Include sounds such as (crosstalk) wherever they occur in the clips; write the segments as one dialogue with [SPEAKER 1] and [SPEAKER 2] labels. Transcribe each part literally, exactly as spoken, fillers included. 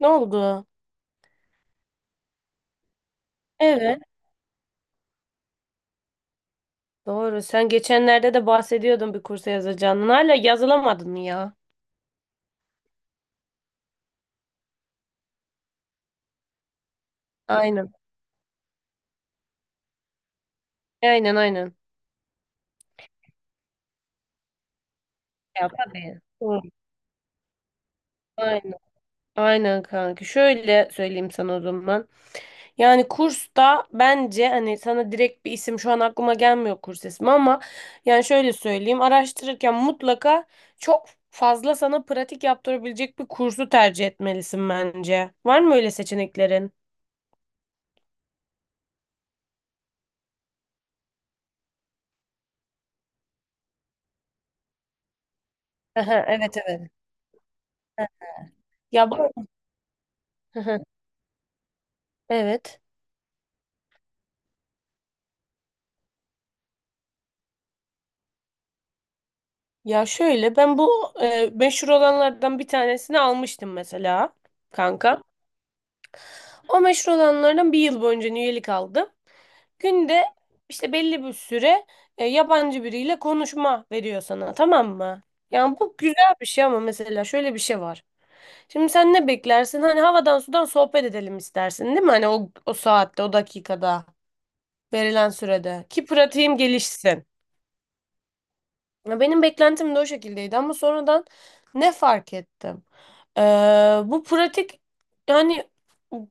[SPEAKER 1] Ne oldu? Evet. Doğru. Sen geçenlerde de bahsediyordun bir kursa yazacağını. Hala yazılamadın mı ya? Aynen. Aynen, aynen. Ya tabii. Doğru. Aynen. Aynen kanka. Şöyle söyleyeyim sana o zaman. Yani kursta bence hani sana direkt bir isim şu an aklıma gelmiyor kurs ismi ama yani şöyle söyleyeyim. Araştırırken mutlaka çok fazla sana pratik yaptırabilecek bir kursu tercih etmelisin bence. Var mı öyle seçeneklerin? Aha, evet, evet. Ya bu... Aha, evet. Ya şöyle ben bu e, meşhur olanlardan bir tanesini almıştım mesela kanka. O meşhur olanlardan bir yıl boyunca üyelik aldım. Günde işte belli bir süre e, yabancı biriyle konuşma veriyor sana, tamam mı? Yani bu güzel bir şey ama mesela şöyle bir şey var. Şimdi sen ne beklersin? Hani havadan sudan sohbet edelim istersin değil mi? Hani o, o saatte o dakikada verilen sürede ki pratiğim gelişsin. Ya Benim beklentim de o şekildeydi ama sonradan ne fark ettim? Ee, Bu pratik yani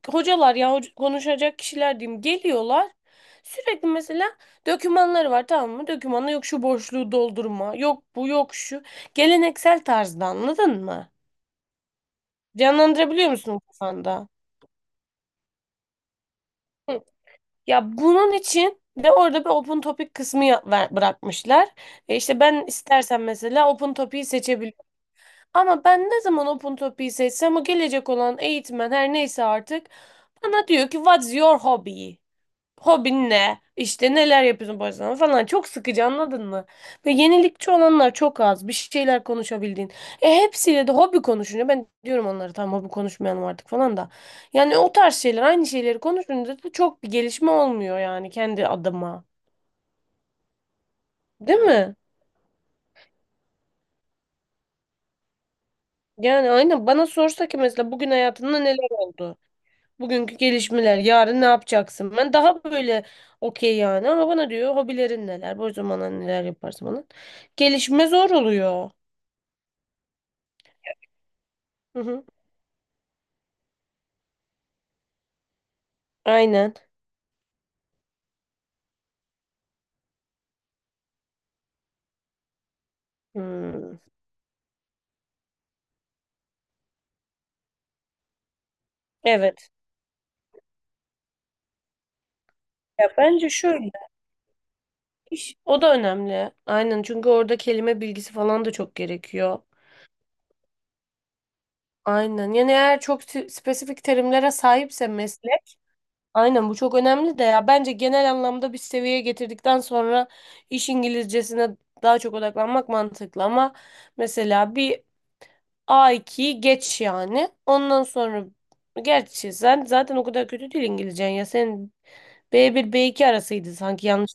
[SPEAKER 1] hocalar ya hoca- konuşacak kişiler diyeyim, geliyorlar. Sürekli mesela dokümanları var, tamam mı? Dokümanı yok, şu boşluğu doldurma, yok bu yok şu. Geleneksel tarzda, anladın mı? Canlandırabiliyor musun kafanda? Hı. Ya bunun için de orada bir open topic kısmı ya- ver- bırakmışlar. E işte ben istersen mesela open topic'i seçebilirim. Ama ben ne zaman Open Topic'i seçsem, o gelecek olan eğitmen her neyse artık bana diyor ki what's your hobby? Hobin ne? İşte neler yapıyorsun boş zamanında falan. Çok sıkıcı, anladın mı? Ve yenilikçi olanlar çok az. Bir şeyler konuşabildiğin. E hepsiyle de hobi konuşunca ben diyorum onlara tamam hobi konuşmayalım artık falan da. Yani o tarz şeyler, aynı şeyleri konuşunca da çok bir gelişme olmuyor yani, kendi adıma. Değil mi? Yani aynen bana sorsa ki mesela bugün hayatında neler oldu? Bugünkü gelişmeler, yarın ne yapacaksın? Ben daha böyle okey yani, ama bana diyor hobilerin neler, boş zamanlar neler yaparsın bana. Gelişme zor oluyor. Hı hı. Aynen. Hmm. Evet. Ya bence şöyle, iş o da önemli. Aynen, çünkü orada kelime bilgisi falan da çok gerekiyor. Aynen. Yani eğer çok si- spesifik terimlere sahipse meslek. Aynen, bu çok önemli de ya bence genel anlamda bir seviyeye getirdikten sonra iş İngilizcesine daha çok odaklanmak mantıklı ama mesela bir a ikiyi geç yani. Ondan sonra, gerçi sen zaten o kadar kötü değil İngilizcen ya. Senin b bir b iki arasıydı sanki, yanlış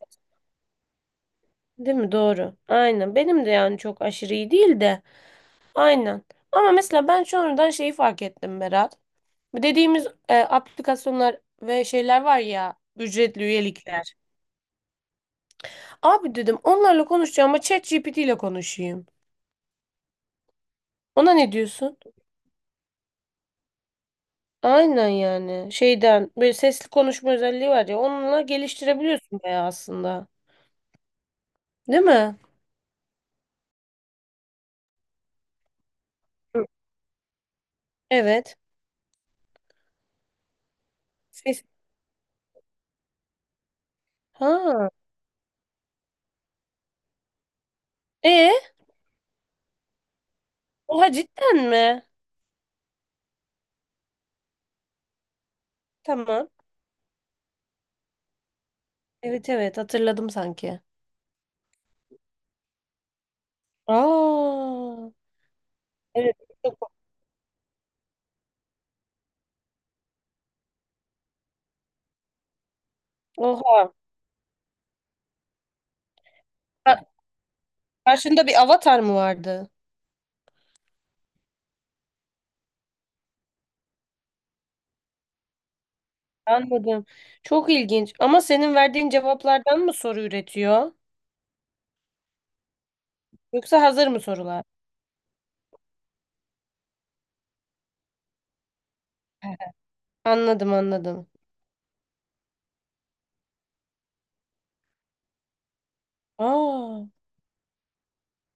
[SPEAKER 1] değil mi? Doğru. Aynen. Benim de yani çok aşırı iyi değil de. Aynen. Ama mesela ben sonradan şeyi fark ettim, Berat. Dediğimiz e, aplikasyonlar ve şeyler var ya, ücretli üyelikler. Abi dedim onlarla konuşacağım ama ChatGPT ile konuşayım. Ona ne diyorsun? Aynen yani. Şeyden böyle sesli konuşma özelliği var ya, onunla geliştirebiliyorsun bayağı aslında. Değil mi? Hı. Evet. Ses. Ha. E, Oha, cidden mi? Tamam. Evet, evet, hatırladım sanki. Aa. Evet. çok- Oha. Ka- Karşında bir avatar mı vardı? Anladım. Çok ilginç. Ama senin verdiğin cevaplardan mı soru üretiyor? Yoksa hazır mı sorular? Anladım, anladım. Aa,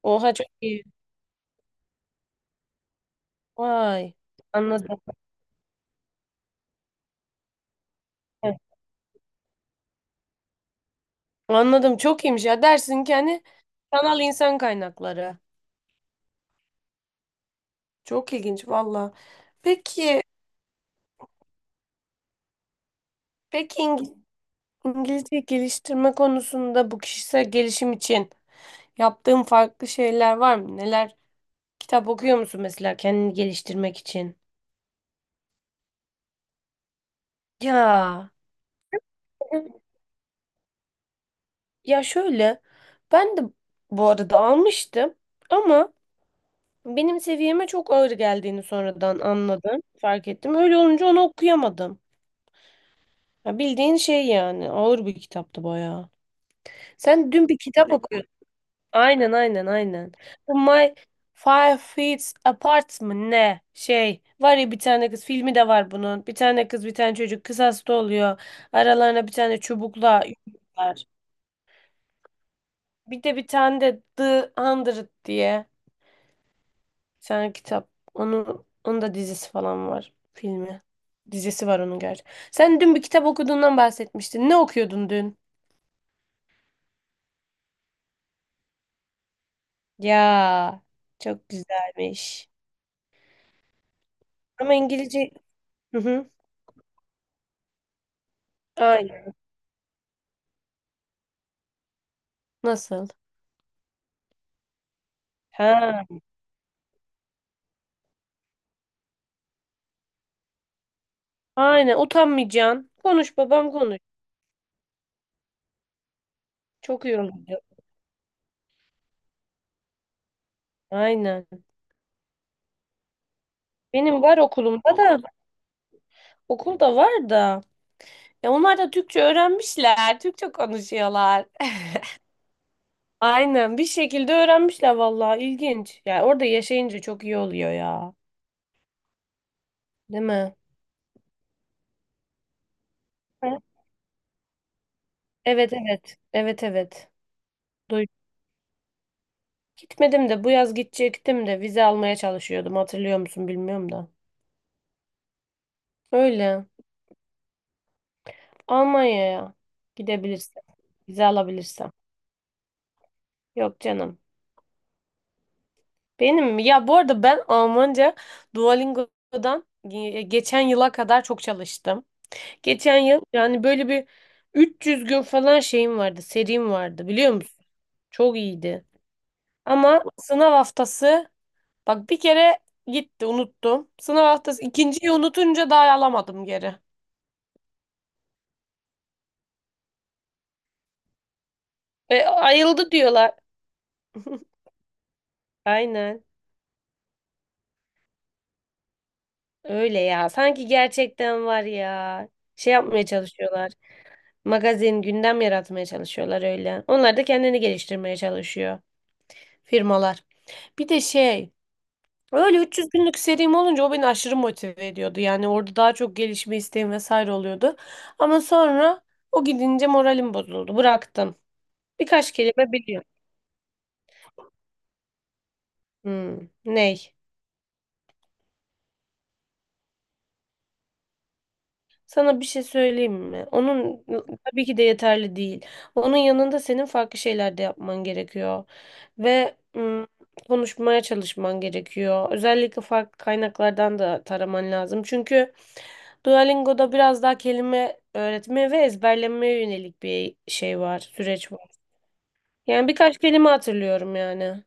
[SPEAKER 1] oha, çok iyi. Vay. Anladım. Evet. Anladım, çok iyiymiş ya. Dersin ki hani sanal insan kaynakları. Çok ilginç valla. Peki, peki İng- İngilizce geliştirme konusunda bu kişisel gelişim için yaptığın farklı şeyler var mı? Neler? Kitap okuyor musun mesela kendini geliştirmek için? Ya. Ya şöyle, ben de bu arada almıştım ama benim seviyeme çok ağır geldiğini sonradan anladım. Fark ettim. Öyle olunca onu okuyamadım. Ya bildiğin şey yani. Ağır bir kitaptı bayağı. Sen dün bir kitap okuyordun. Aynen, aynen, aynen. Bu My Five Feet Apart mı ne? Şey var ya, bir tane kız filmi de var bunun. Bir tane kız bir tane çocuk kısasta oluyor. Aralarına bir tane çubukla yürüyorlar. Bir de bir tane de The Hundred diye. Sen kitap. Onu, onun da dizisi falan var. Filmi. Dizisi var onun gerçi. Sen dün bir kitap okuduğundan bahsetmiştin. Ne okuyordun dün? Ya, çok güzelmiş. Ama İngilizce... Hı hı. Aynen. Nasıl? Ha. Aynen. Utanmayacaksın. Konuş babam konuş. Çok iyi olur. Aynen. Benim var okulumda da. Okulda var da. Ya onlar da Türkçe öğrenmişler. Türkçe konuşuyorlar. Aynen, bir şekilde öğrenmişler vallahi, ilginç. Yani orada yaşayınca çok iyi oluyor ya. Değil mi? Hı. Evet, evet. Evet, evet. Duy Gitmedim de bu yaz gidecektim de vize almaya çalışıyordum. Hatırlıyor musun bilmiyorum da. Öyle. Almanya'ya gidebilirsem. Vize alabilirsem. Yok canım. Benim mi? Ya bu arada ben Almanca Duolingo'dan ge- geçen yıla kadar çok çalıştım. Geçen yıl yani böyle bir üç yüz gün falan şeyim vardı, serim vardı, biliyor musun? Çok iyiydi. Ama sınav haftası, bak, bir kere gitti unuttum. Sınav haftası ikinciyi unutunca daha alamadım geri. E, ayıldı diyorlar. (laughs) Aynen öyle ya. Sanki gerçekten var ya. Şey yapmaya çalışıyorlar. Magazin, gündem yaratmaya çalışıyorlar öyle. Onlar da kendini geliştirmeye çalışıyor firmalar. Bir de şey. Öyle üç yüz günlük serim olunca o beni aşırı motive ediyordu. Yani orada daha çok gelişme isteğim vesaire oluyordu. Ama sonra o gidince moralim bozuldu. Bıraktım. Birkaç kelime biliyorum. Hmm, ney? Sana bir şey söyleyeyim mi? Onun tabii ki de yeterli değil. Onun yanında senin farklı şeyler de yapman gerekiyor. Ve hmm, konuşmaya çalışman gerekiyor. Özellikle farklı kaynaklardan da taraman lazım. Çünkü Duolingo'da biraz daha kelime öğretmeye ve ezberlemeye yönelik bir şey var, süreç var. Yani birkaç kelime hatırlıyorum yani.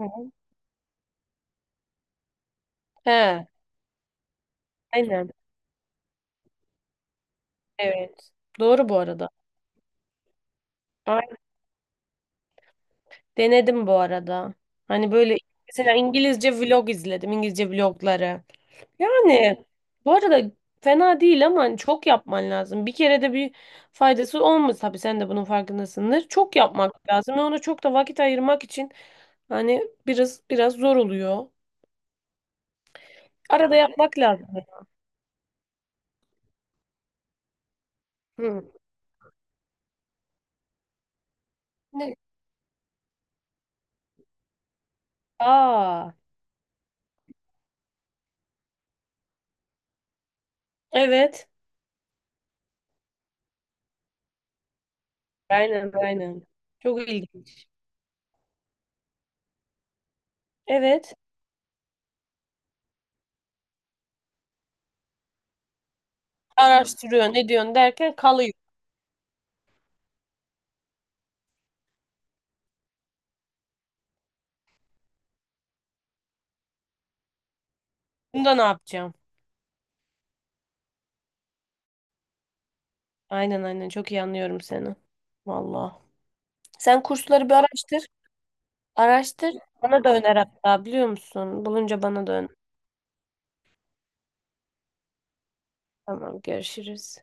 [SPEAKER 1] Hı hı. He, aynen. Evet. Doğru bu arada. Ay- Denedim bu arada. Hani böyle mesela İngilizce vlog izledim. İngilizce vlogları. Yani bu arada fena değil ama hani çok yapman lazım. Bir kere de bir faydası olmaz, tabii sen de bunun farkındasındır. Çok yapmak lazım ve ona çok da vakit ayırmak için hani biraz biraz zor oluyor. Arada yapmak lazım. Hı. Ne? Aa, evet. Aynen, aynen. Çok ilginç. Evet. Araştırıyorsun, ne diyorsun derken kalıyor. Bunda ne yapacağım? Aynen, aynen, çok iyi anlıyorum seni. Vallahi. Sen kursları bir araştır. Araştır. Bana da öner hatta, biliyor musun? Bulunca bana da öner. Tamam, görüşürüz.